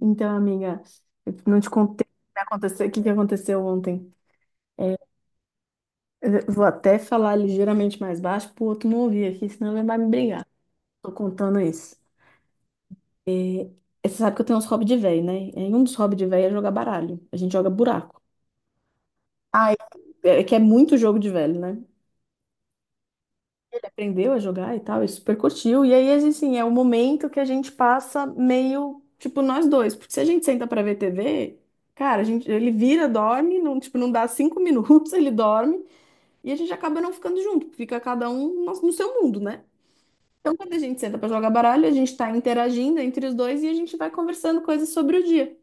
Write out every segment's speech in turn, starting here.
Então, amiga, eu não te contei o que aconteceu, o que que aconteceu ontem. É, eu vou até falar ligeiramente mais baixo pro outro não ouvir aqui, senão ele vai me brigar. Tô contando isso. É, você sabe que eu tenho uns hobbies de velho, né? E um dos hobbies de velho é jogar baralho. A gente joga buraco. Ah, é que é muito jogo de velho, né? Ele aprendeu a jogar e tal, e super curtiu. E aí, assim, é o momento que a gente passa meio, tipo, nós dois. Porque se a gente senta pra ver TV, cara, a gente, ele vira, dorme, não, tipo, não dá cinco minutos, ele dorme, e a gente acaba não ficando junto, fica cada um no seu mundo, né? Então, quando a gente senta pra jogar baralho, a gente tá interagindo entre os dois e a gente vai conversando coisas sobre o dia.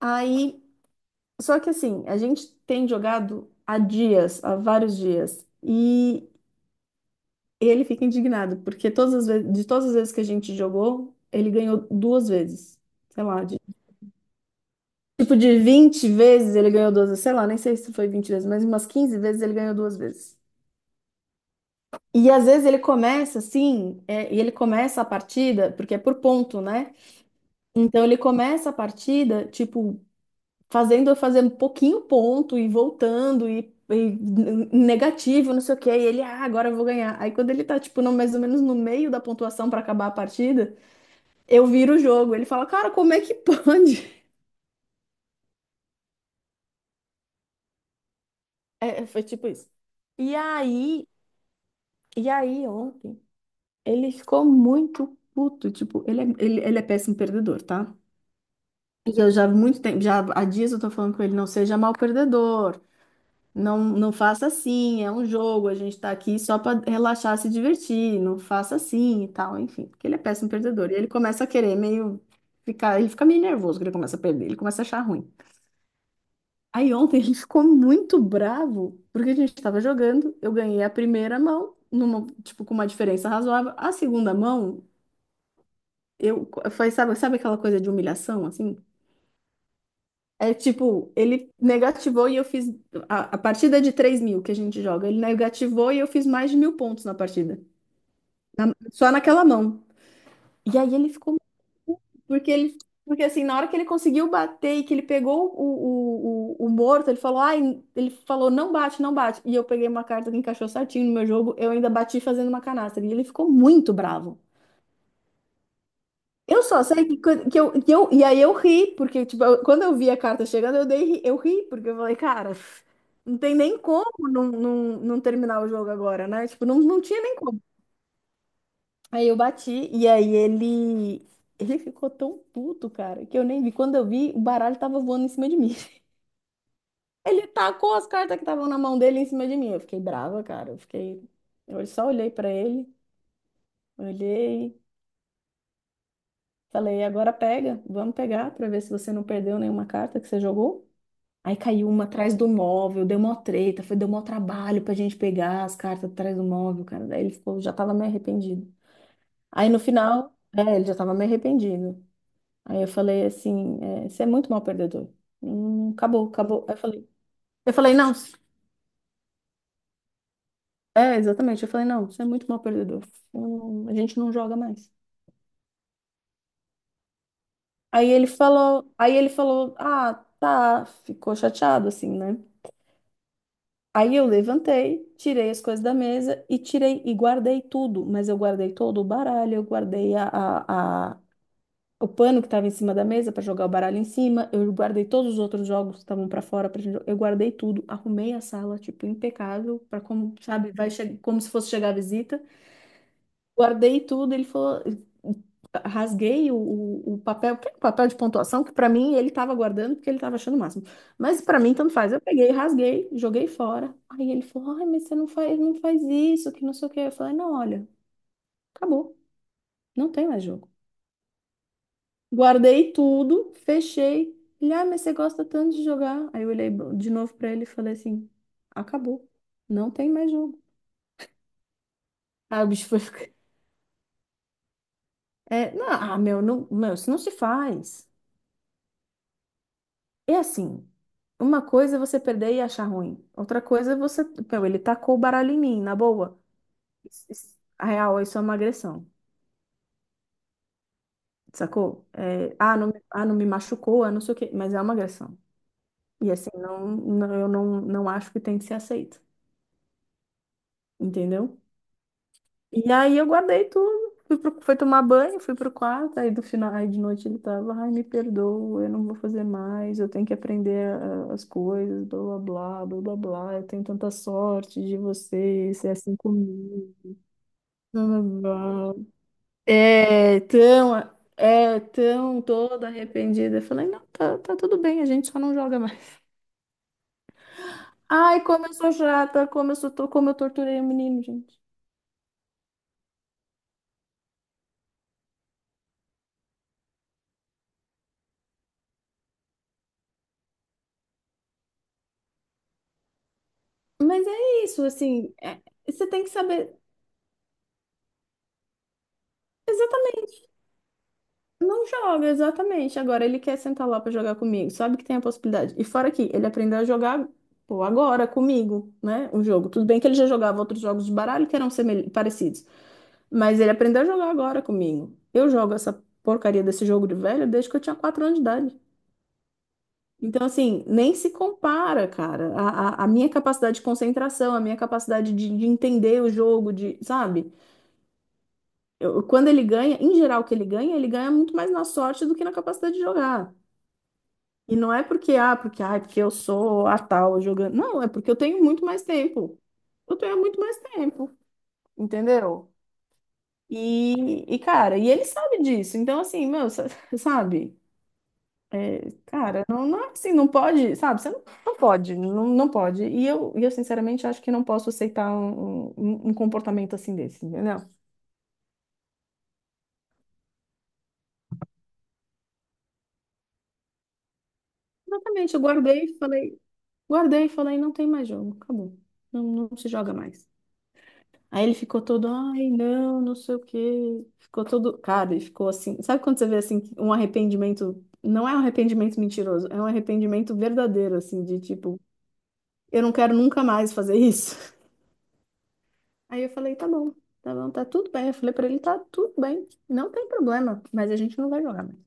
Aí, só que assim, a gente tem jogado há dias, há vários dias. E ele fica indignado, porque todas as vezes, de todas as vezes que a gente jogou, ele ganhou duas vezes. Sei lá, de, tipo de 20 vezes ele ganhou duas vezes. Sei lá, nem sei se foi 20 vezes, mas umas 15 vezes ele ganhou duas vezes. E às vezes ele começa assim, e ele começa a partida, porque é por ponto, né? Então ele começa a partida, tipo, fazendo eu fazer um pouquinho ponto e voltando e negativo, não sei o quê. E ele, ah, agora eu vou ganhar. Aí quando ele tá, tipo, no, mais ou menos no meio da pontuação pra acabar a partida. Eu viro o jogo. Ele fala, cara, como é que pode? É, foi tipo isso. E aí, e aí ontem, ele ficou muito puto. Tipo, ele é, ele é péssimo perdedor, tá? E eu já há muito tempo, já há dias eu tô falando com ele, não seja mal perdedor. Não, não faça assim, é um jogo, a gente tá aqui só pra relaxar, se divertir, não faça assim e tal, enfim, porque ele é péssimo perdedor. E ele começa a querer meio ficar, ele fica meio nervoso quando ele começa a perder, ele começa a achar ruim. Aí ontem ele ficou muito bravo, porque a gente estava jogando, eu ganhei a primeira mão, numa, tipo, com uma diferença razoável. A segunda mão, eu foi, sabe, sabe aquela coisa de humilhação, assim? É tipo, ele negativou e eu fiz. A partida é de 3.000 que a gente joga. Ele negativou e eu fiz mais de 1.000 pontos na partida. Só naquela mão. E aí ele ficou. Porque ele, porque assim, na hora que ele conseguiu bater e que ele pegou o morto, ele falou, ai, ele falou, não bate, não bate. E eu peguei uma carta que encaixou certinho no meu jogo, eu ainda bati fazendo uma canastra. E ele ficou muito bravo. Eu só sei que, quando- que, eu, que eu. E aí eu ri, porque, tipo, quando eu vi a carta chegando, eu dei, eu ri, porque eu falei, cara, não tem nem como não, não, não terminar o jogo agora, né? Tipo, não tinha nem como. Aí eu bati e aí ele ficou tão puto, cara, que eu nem vi. Quando eu vi, o baralho tava voando em cima de mim. Ele tacou as cartas que estavam na mão dele em cima de mim. Eu fiquei brava, cara. Eu fiquei, eu só olhei pra ele, olhei, falei: "Agora pega, vamos pegar pra ver se você não perdeu nenhuma carta que você jogou". Aí caiu uma atrás do móvel, deu mó treta, foi deu mó trabalho pra gente pegar as cartas atrás do móvel, cara. Daí ele ficou, já tava meio arrependido. Aí no final, ele já tava meio arrependido. Aí eu falei assim, você é muito mal perdedor. Acabou, acabou. Aí eu falei, não, é, exatamente. Eu falei, não, você é muito mal perdedor. A gente não joga mais. Aí ele falou, ah, tá, ficou chateado assim, né? Aí eu levantei, tirei as coisas da mesa e tirei e guardei tudo, mas eu guardei todo o baralho, eu guardei o pano que estava em cima da mesa para jogar o baralho em cima. Eu guardei todos os outros jogos que estavam para fora pra gente. Eu guardei tudo, arrumei a sala, tipo, impecável, para como, sabe, como se fosse chegar a visita. Guardei tudo, ele falou, rasguei o papel, que é o papel de pontuação que para mim ele estava guardando porque ele estava achando o máximo. Mas para mim tanto faz. Eu peguei, rasguei, joguei fora. Aí ele falou: "Ai, mas você não faz, não faz isso, que não sei o quê". Eu falei: "Não, olha, acabou. Não tem mais jogo. Guardei tudo, fechei". Ele, ah, mas você gosta tanto de jogar. Aí eu olhei de novo pra ele e falei assim: acabou, não tem mais jogo. Aí o bicho foi. É, não, ah, meu, não, meu, isso não se faz. É assim: uma coisa é você perder e achar ruim, outra coisa é você. Meu, ele tacou o baralho em mim, na boa. A real, isso é uma agressão, sacou? É, ah, não, ah, não me machucou, ah, não sei o quê, mas é uma agressão. E assim, não, não, eu não, não acho que tem que ser aceito, entendeu? E aí eu guardei tudo. Fui, fui tomar banho, fui pro quarto, aí do final, aí de noite ele tava, ai, me perdoa, eu não vou fazer mais, eu tenho que aprender ah, as coisas, blá blá blá, blá blá blá, eu tenho tanta sorte de você ser assim comigo, blá blá blá. É tão, é tão toda arrependida. Eu falei, não, tá, tá tudo bem, a gente só não joga mais. Ai, como eu sou chata, como eu sou, como eu torturei o menino, gente. Mas é isso, assim, você tem que saber. Não joga, exatamente. Agora ele quer sentar lá pra jogar comigo. Sabe que tem a possibilidade. E fora que ele aprendeu a jogar, pô, agora comigo, né? Um jogo. Tudo bem que ele já jogava outros jogos de baralho que eram parecidos, mas ele aprendeu a jogar agora comigo. Eu jogo essa porcaria desse jogo de velho desde que eu tinha 4 anos de idade. Então, assim, nem se compara, cara. A minha capacidade de concentração, a minha capacidade de entender o jogo, de, sabe? Quando ele ganha, em geral, o que ele ganha muito mais na sorte do que na capacidade de jogar. E não é porque, ah, porque, ah, porque eu sou a tal jogando. Não, é porque eu tenho muito mais tempo. Eu tenho muito mais tempo, entendeu? E cara, e ele sabe disso. Então, assim, meu, sabe? É, cara, não, não é assim, não pode, sabe? Você não, não pode, não, não pode. Sinceramente, acho que não posso aceitar um comportamento assim desse, entendeu? Exatamente, eu guardei e falei, não tem mais jogo, acabou. Não, não se joga mais. Aí ele ficou todo, ai, não, não sei o quê. Ficou todo, cara, ele ficou assim. Sabe quando você vê assim que um arrependimento, não é um arrependimento mentiroso, é um arrependimento verdadeiro assim, de tipo, eu não quero nunca mais fazer isso. Aí eu falei, tá bom. Tá tudo bem. Eu falei pra ele, tá tudo bem. Não tem problema, mas a gente não vai jogar mais.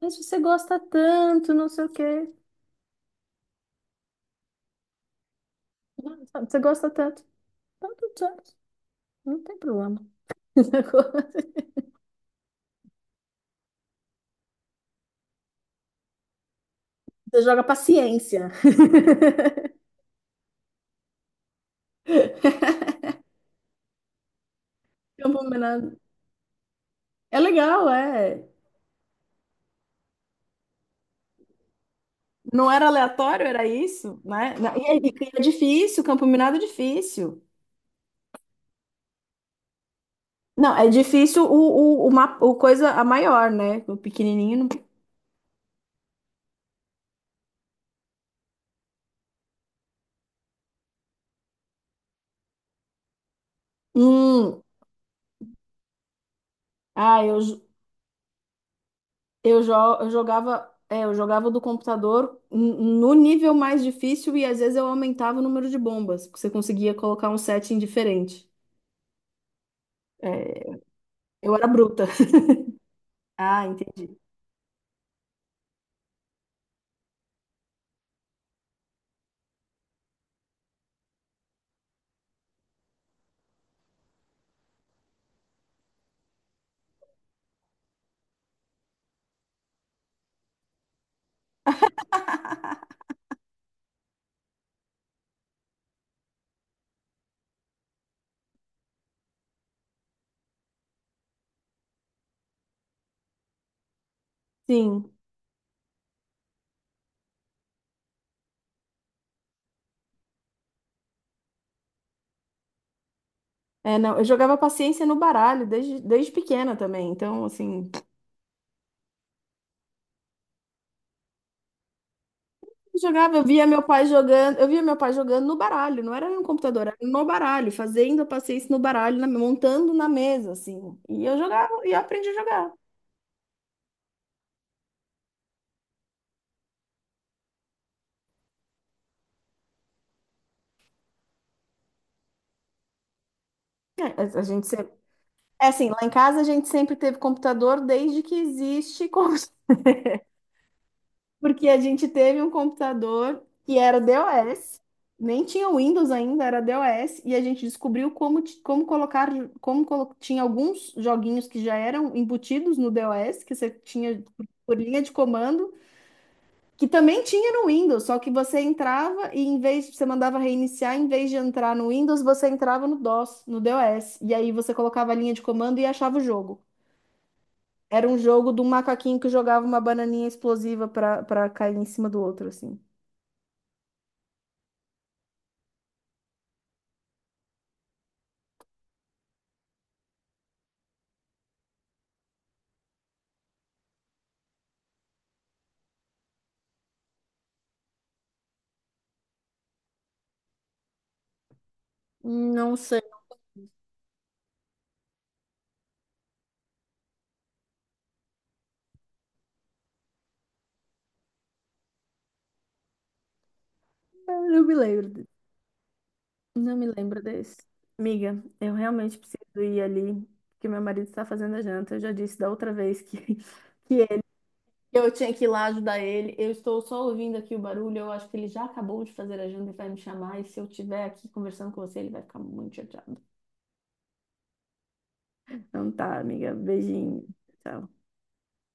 Mas você gosta tanto, não sei o quê. Não, sabe, você gosta tanto. Tá tudo certo. Não tem problema. Você joga paciência. É um pouco menor. É legal, é. Não era aleatório, era isso, né? E é difícil, campo minado é difícil. Não, é difícil o coisa a maior, né? O pequenininho. Hum, ah, eu, jo- eu, jo, eu jogava, eu jogava do computador no nível mais difícil e às vezes eu aumentava o número de bombas, porque você conseguia colocar um setting diferente. É, eu era bruta. Ah, entendi. Sim. É, não, eu jogava paciência no baralho desde, desde pequena também, então, assim. Eu jogava, eu via meu pai jogando, eu via meu pai jogando no baralho, não era no computador, era no baralho, fazendo a paciência no baralho, montando na mesa, assim. E eu jogava e eu aprendi a jogar. É, a gente sempre, é assim, lá em casa a gente sempre teve computador desde que existe, porque a gente teve um computador que era DOS, nem tinha Windows ainda, era DOS, e a gente descobriu como, como colocar, tinha alguns joguinhos que já eram embutidos no DOS, que você tinha por linha de comando. Que também tinha no Windows, só que você entrava e em vez você mandava reiniciar, em vez de entrar no Windows, você entrava no DOS, no DOS. E aí você colocava a linha de comando e achava o jogo. Era um jogo de um macaquinho que jogava uma bananinha explosiva pra, pra cair em cima do outro, assim. Não sei. Eu Não me lembro desse. Amiga, eu realmente preciso ir ali, porque meu marido está fazendo a janta. Eu já disse da outra vez que, que eu tinha que ir lá ajudar ele. Eu estou só ouvindo aqui o barulho. Eu acho que ele já acabou de fazer a janta e vai me chamar. E se eu estiver aqui conversando com você, ele vai ficar muito chateado. Então tá, amiga. Beijinho. Tchau.